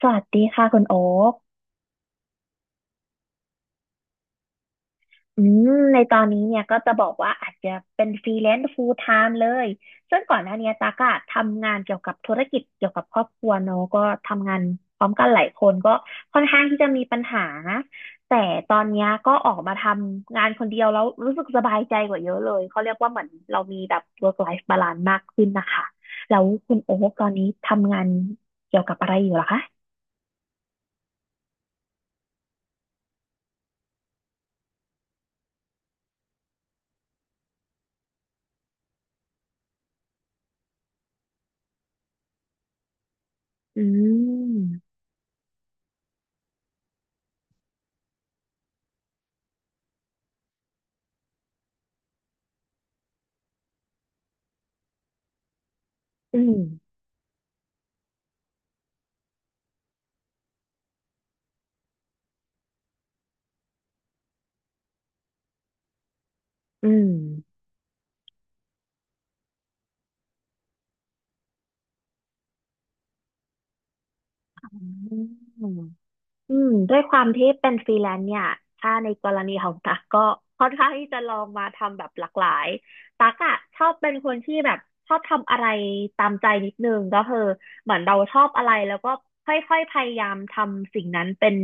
สวัสดีค่ะคุณโอ๊คอืในตอนนี้เนี่ยก็จะบอกว่าอาจจะเป็นฟรีแลนซ์ full time เลยซึ่งก่อนหน้านี้ตากอะทำงานเกี่ยวกับธุรกิจเกี่ยวกับครอบครัวเนอะก็ทำงานพร้อมกันหลายคนก็ค่อนข้างที่จะมีปัญหา แต่ตอนเนี้ยก็ออกมาทำงานคนเดียวแล้วรู้สึกสบายใจกว่าเยอะเลย เขาเรียกว่าเหมือนเรามีแบบ work life balance มากขึ้นนะคะ แล้วคุณโอ๊คตอนนี้ทำงานเกี่ยวกับอะไรอยู่เหรอคะอืมอืมอืม อืม อืมด้วยความที่เป็นฟรีแลนซ์เนี่ยถ้าในกรณีของตั๊กก็ค่อนข้างที่จะลองมาทำแบบหลากหลายตั๊กอะชอบเป็นคนที่แบบชอบทำอะไรตามใจนิดนึงก็คือเหมือนเราชอบอะไรแล้วก็ค่อยๆพยายามทำสิ่งนั้นเป็น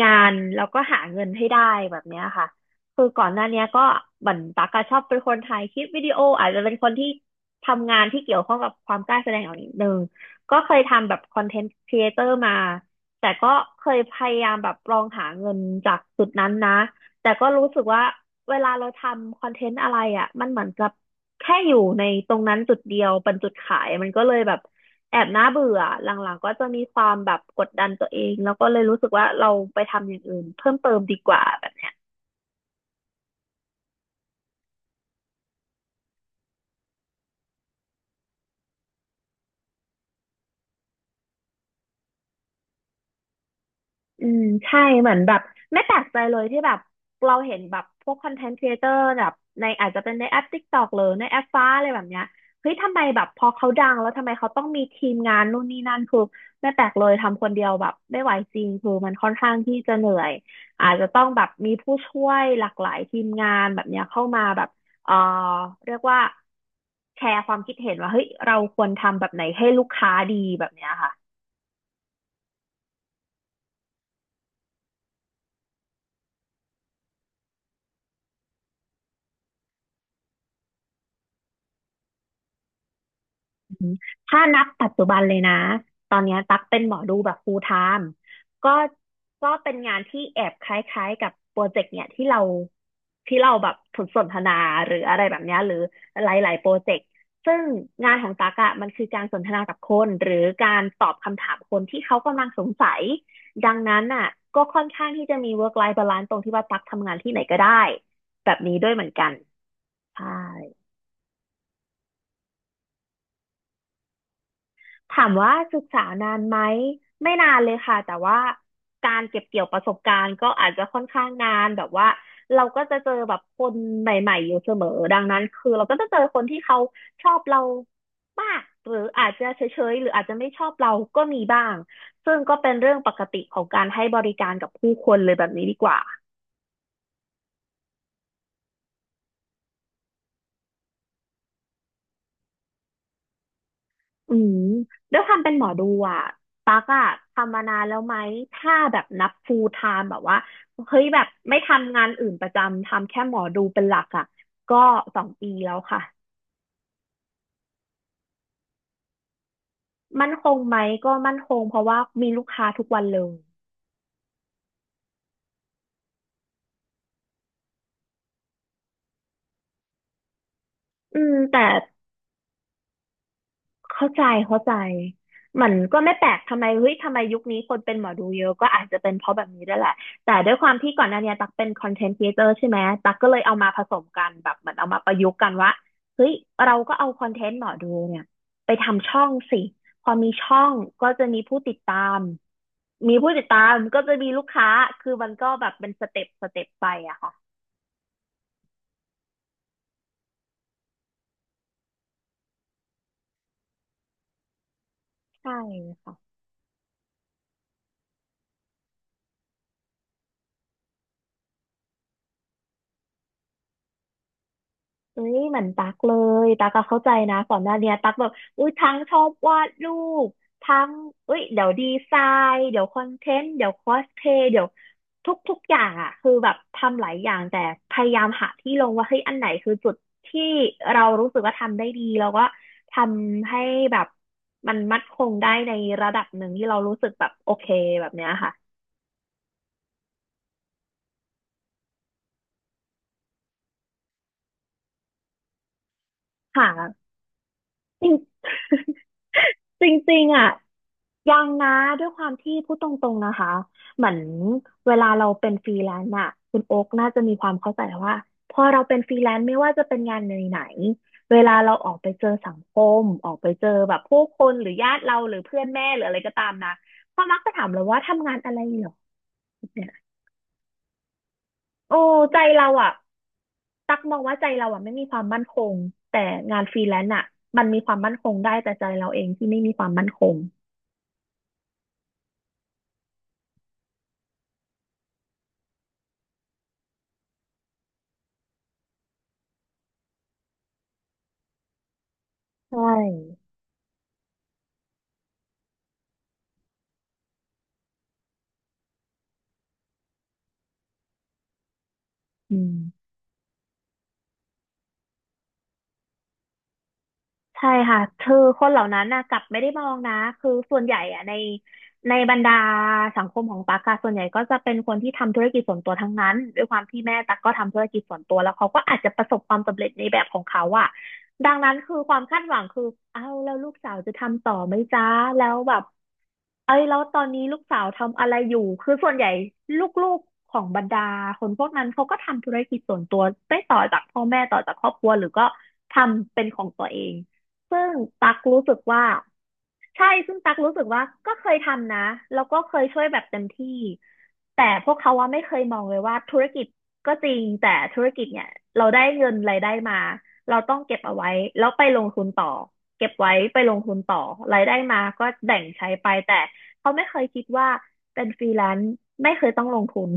งานแล้วก็หาเงินให้ได้แบบเนี้ยค่ะคือก่อนหน้าเนี้ยก็เหมือนตั๊กอะชอบเป็นคนถ่ายคลิปวิดีโออาจจะเป็นคนที่ทำงานที่เกี่ยวข้องกับความกล้าแสดงออกนิดนึงก็เคยทำแบบคอนเทนต์ครีเอเตอร์มา แต่ก็เคยพยายามแบบลองหาเงินจากจุดนั้นนะแต่ก็รู้สึกว่าเวลาเราทำคอนเทนต์อะไรอ่ะมันเหมือนกับแค่อยู่ในตรงนั้นจุดเดียวเป็นจุดขายมันก็เลยแบบแอบน่าเบื่อหลังๆก็จะมีความแบบกดดันตัวเองแล้วก็เลยรู้สึกว่าเราไปทำอย่างอื่นเพิ่มเติมดีกว่า อืมใช่เหมือนแบบไม่แปลกใจเลยที่แบบเราเห็นแบบพวกคอนเทนต์ครีเอเตอร์แบบในอาจจะเป็นในแอป TikTok หรือในแอปฟ้าอะไรแบบเนี้ยเฮ้ยทำไมแบบพอเขาดังแล้วทำไมเขาต้องมีทีมงานนู่นนี่นั่นคือไม่แปลกเลยทำคนเดียวแบบไม่ไหวจริงคือมันค่อนข้างที่จะเหนื่อยอาจจะต้องแบบมีผู้ช่วยหลากหลายทีมงานแบบเนี้ยเข้ามาแบบเอ่อเรียกว่าแชร์ความคิดเห็นว่าเฮ้ยเราควรทำแบบไหนให้ลูกค้าดีแบบเนี้ยค่ะ อืมถ้านับปัจจุบันเลยนะตอนเนี้ยตักเป็นหมอดูแบบ full time ก็ก็เป็นงานที่แอบคล้ายๆกับโปรเจกต์เนี่ยที่เราที่เราแบบสนทนาหรืออะไรแบบเนี้ยหรือหลายๆโปรเจกต์ซึ่งงานของตักอะมันคือการสนทนากับคนหรือการตอบคำถามคนที่เขากำลังสงสัยดังนั้นอ่ะก็ค่อนข้างที่จะมี work life balance ตรงที่ว่าตักทำงานที่ไหนก็ได้แบบนี้ด้วยเหมือนกันใช่ ถามว่าศึกษานานไหมไม่นานเลยค่ะแต่ว่าการเก็บเกี่ยวประสบการณ์ก็อาจจะค่อนข้างนานแบบว่าเราก็จะเจอแบบคนใหม่ๆอยู่เสมอดังนั้นคือเราก็จะเจอคนที่เขาชอบเรามากหรืออาจจะเฉยๆหรืออาจจะไม่ชอบเราก็มีบ้างซึ่งก็เป็นเรื่องปกติของการให้บริการกับผู้คนเลยแบบนี้ดีกว่า อืมด้วยความเป็นหมอดูอ่ะตั๊กอ่ะทำมานานแล้วไหมถ้าแบบนับ full time แบบว่าเฮ้ยแบบไม่ทำงานอื่นประจำทำแค่หมอดูเป็นหลักอ่ะก็สองปีแล้วค่ะมั่นคงไหมก็มั่นคงเพราะว่ามีลูกค้าทุกวันเลยอืมแต่ เข้าใจเข้าใจ มันก็ไม่แปลกทำไมเฮ้ยทำไมยุคนี้คนเป็นหมอดูเยอะก็อาจจะเป็นเพราะแบบนี้ด้วยแหละแต่ด้วยความที่ก่อนหน้าเนี้ยตักเป็นคอนเทนต์ครีเอเตอร์ใช่ไหมตักก็เลยเอามาผสมกันแบบเหมือนเอามาประยุกต์กันว่าเฮ้ยเราก็เอาคอนเทนต์หมอดูเนี่ยไปทำช่องสิพอมีช่องก็จะมีผู้ติดตามมีผู้ติดตามก็จะมีลูกค้าคือมันก็แบบเป็นสเต็ปสเต็ปไปอะค่ะใช่ค่ะ เอ้ยเหมือนตักเลยตักก็เข้าใจนะก่อนหน้าเนี้ยตักแบบอุ้ยทั้งชอบวาดรูปทั้งเอุ้ยเดี๋ยวดีไซน์เดี๋ยวคอนเทนต์เดี๋ยวคอสเพย์เดี๋ยวทุกอย่างอ่ะคือแบบทำหลายอย่างแต่พยายามหาที่ลงว่าเฮ้ยอันไหนคือจุดที่เรารู้สึกว่าทำได้ดีแล้วก็ทำให้แบบมันมั่นคงได้ในระดับหนึ่งที่เรารู้สึกแบบโอเคแบบเนี้ยค่ะค่ะจริง จริงๆอ่ะ ยังนะด้วยความที่พูดตรงๆนะคะเหมือนเวลาเราเป็นฟรีแลนซ์อะคุณโอ๊กน่าจะมีความเข้าใจว่าพอเราเป็นฟรีแลนซ์ไม่ว่าจะเป็นงานไหนๆเวลาเราออกไปเจอสังคมออกไปเจอแบบผู้คนหรือญาติเราหรือเพื่อนแม่หรืออะไรก็ตามนะเขามักจะถามเราว่าทำงานอะไรเหรอเนี่ยโอ้ใจเราอะตักมองว่าใจเราอะไม่มีความมั่นคงแต่งานฟรีแลนซ์อะมันมีความมั่นคงได้แต่ใจเราเองที่ไม่มีความมั่นคงใช่อืม ใช่ค่ะคือคนเหล่านั้นนะกลับไม่ได้มองนะคือส่วนใหญ่อะในบรรดาสังคมของตั๊กอะส่วนใหญ่ก็จะเป็นคนที่ทำธุรกิจส่วนตัวทั้งนั้นด้วยความที่แม่ตั๊กก็ทำธุรกิจส่วนตัวแล้วเขาก็อาจจะประสบความสำเร็จในแบบของเขาอะดังนั้นคือความคาดหวังคือเอาแล้วลูกสาวจะทำต่อไหมจ๊ะแล้วแบบ เอ้ยแล้วตอนนี้ลูกสาวทำอะไรอยู่ คือส่วนใหญ่ลูกๆของบรรดาคนพวกนั้นเขาก็ทำธุรกิจส่วนตัวได้ต่อจากพ่อแม่ต่อจากครอบครัวหรือก็ทำเป็นของตัวเอง ซึ่งตักรู้สึกว่า ใช่ซึ่งตักรู้สึกว่าก็เคยทำนะแล้วก็เคยช่วยแบบเต็มที่แต่พวกเขาว่าไม่เคยมองเลยว่าธุรกิจก็จริงแต่ธุรกิจเนี่ยเราได้เงินรายได้มาเราต้องเก็บเอาไว้แล้วไปลงทุนต่อเก็บไว้ไปลงทุนต่อรายได้มาก็แบ่งใช้ไปแต่เขาไม่เคยคิดว่าเป็นฟรีแลนซ์ไม่เคยต้องลงทุน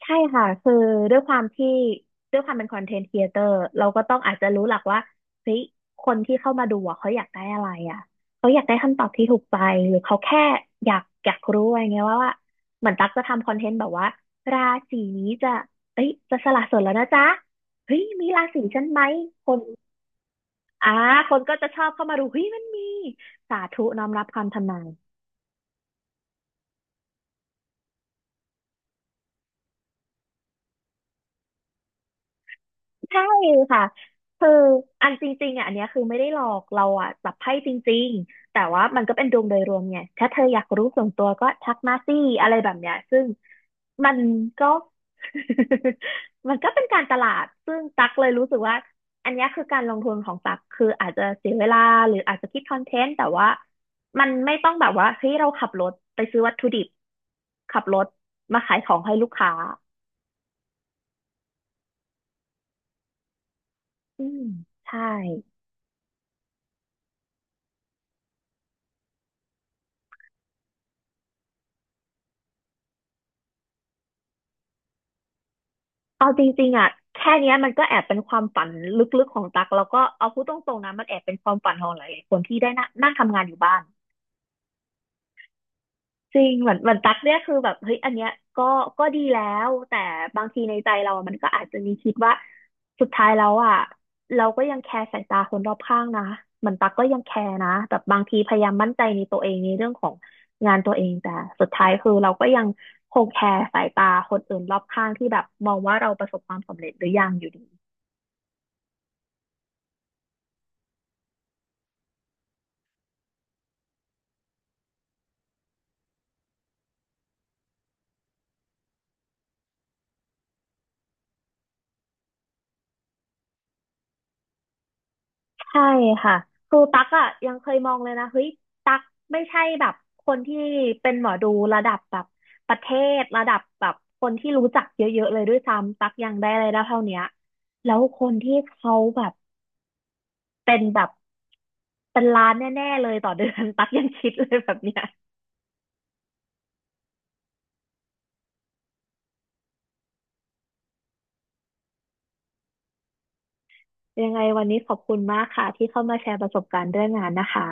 ใช่ค่ะคือด้วยความที่ด้วยความเป็นคอนเทนต์ครีเอเตอร์เราก็ต้องอาจจะรู้หลักว่าเฮ้ยคนที่เข้ามาดูอะเขาอยากได้อะไรอ่ะเขาอยากได้คำตอบที่ถูกใจหรือเขาแค่อยากรู้อะไรเงี้ยว่าเหมือนตั๊กจะทำคอนเทนต์แบบว่าราศีนี้จะเอ้ยจะสละโสดแล้วนะจ๊ะเฮ้ยมีราศีฉันไหมคนอ่าคนก็จะชอบเข้ามาดูเฮ้ยมันมีสาธุน้อมรับคำทำนาย ใช่ค่ะคืออันจริงๆอ่ะอันเนี้ยคือไม่ได้หลอกเราอ่ะจับไพ่จริงๆแต่ว่ามันก็เป็นดวงโดยรวมไงถ้าเธออยากรู้ส่วนตัวก็ทักมาสิอะไรแบบเนี้ยซึ่งมันก็ มันก็เป็นการตลาดซึ่งตักเลยรู้สึกว่าอันเนี้ยคือการลงทุนของตักคืออาจจะเสียเวลาหรืออาจจะคิดคอนเทนต์แต่ว่ามันไม่ต้องแบบว่าเฮ้ยเราขับรถไปซื้อวัตถุดิบขับรถมาขายของให้ลูกค้าอืมใช่ เอาจริงๆอ่ะแค่เนี้ยมันก็แอบเป็นความฝันลึกๆของตักแล้วก็เอาพูดตรงๆนะมันแอบเป็นความฝันของหลายๆคนที่ได้นั่งนั่งทำงานอยู่บ้านจริงเหมือนตักเนี่ยคือแบบเฮ้ยอันเนี้ยก็ดีแล้วแต่บางทีในใจเราอะมันก็อาจจะมีคิดว่าสุดท้ายแล้วอ่ะเราก็ยังแคร์สายตาคนรอบข้างนะเหมือนตักก็ยังแคร์นะแบบบางทีพยายามมั่นใจในตัวเองในเรื่องของงานตัวเองแต่สุดท้ายคือเราก็ยังคงแคร์สายตาคนอื่นรอบข้างที่แบบมองว่าเราประสบความสำเร็จหรือยังอยู่ดี ใช่ค่ะครูตั๊กอ่ะยังเคยมองเลยนะเฮ้ยตั๊กไม่ใช่แบบคนที่เป็นหมอดูระดับแบบประเทศระดับแบบคนที่รู้จักเยอะๆเลยด้วยซ้ำตั๊กยังได้อะไรได้เท่าเนี้ยแล้วคนที่เขาแบบเป็นแบบเป็นล้านแน่ๆเลยต่อเดือน ตั๊กยังคิดเลยแบบเนี้ยยังไงวันนี้ขอบคุณมากค่ะที่เข้ามาแชร์ประสบการณ์เรื่องงานนะคะ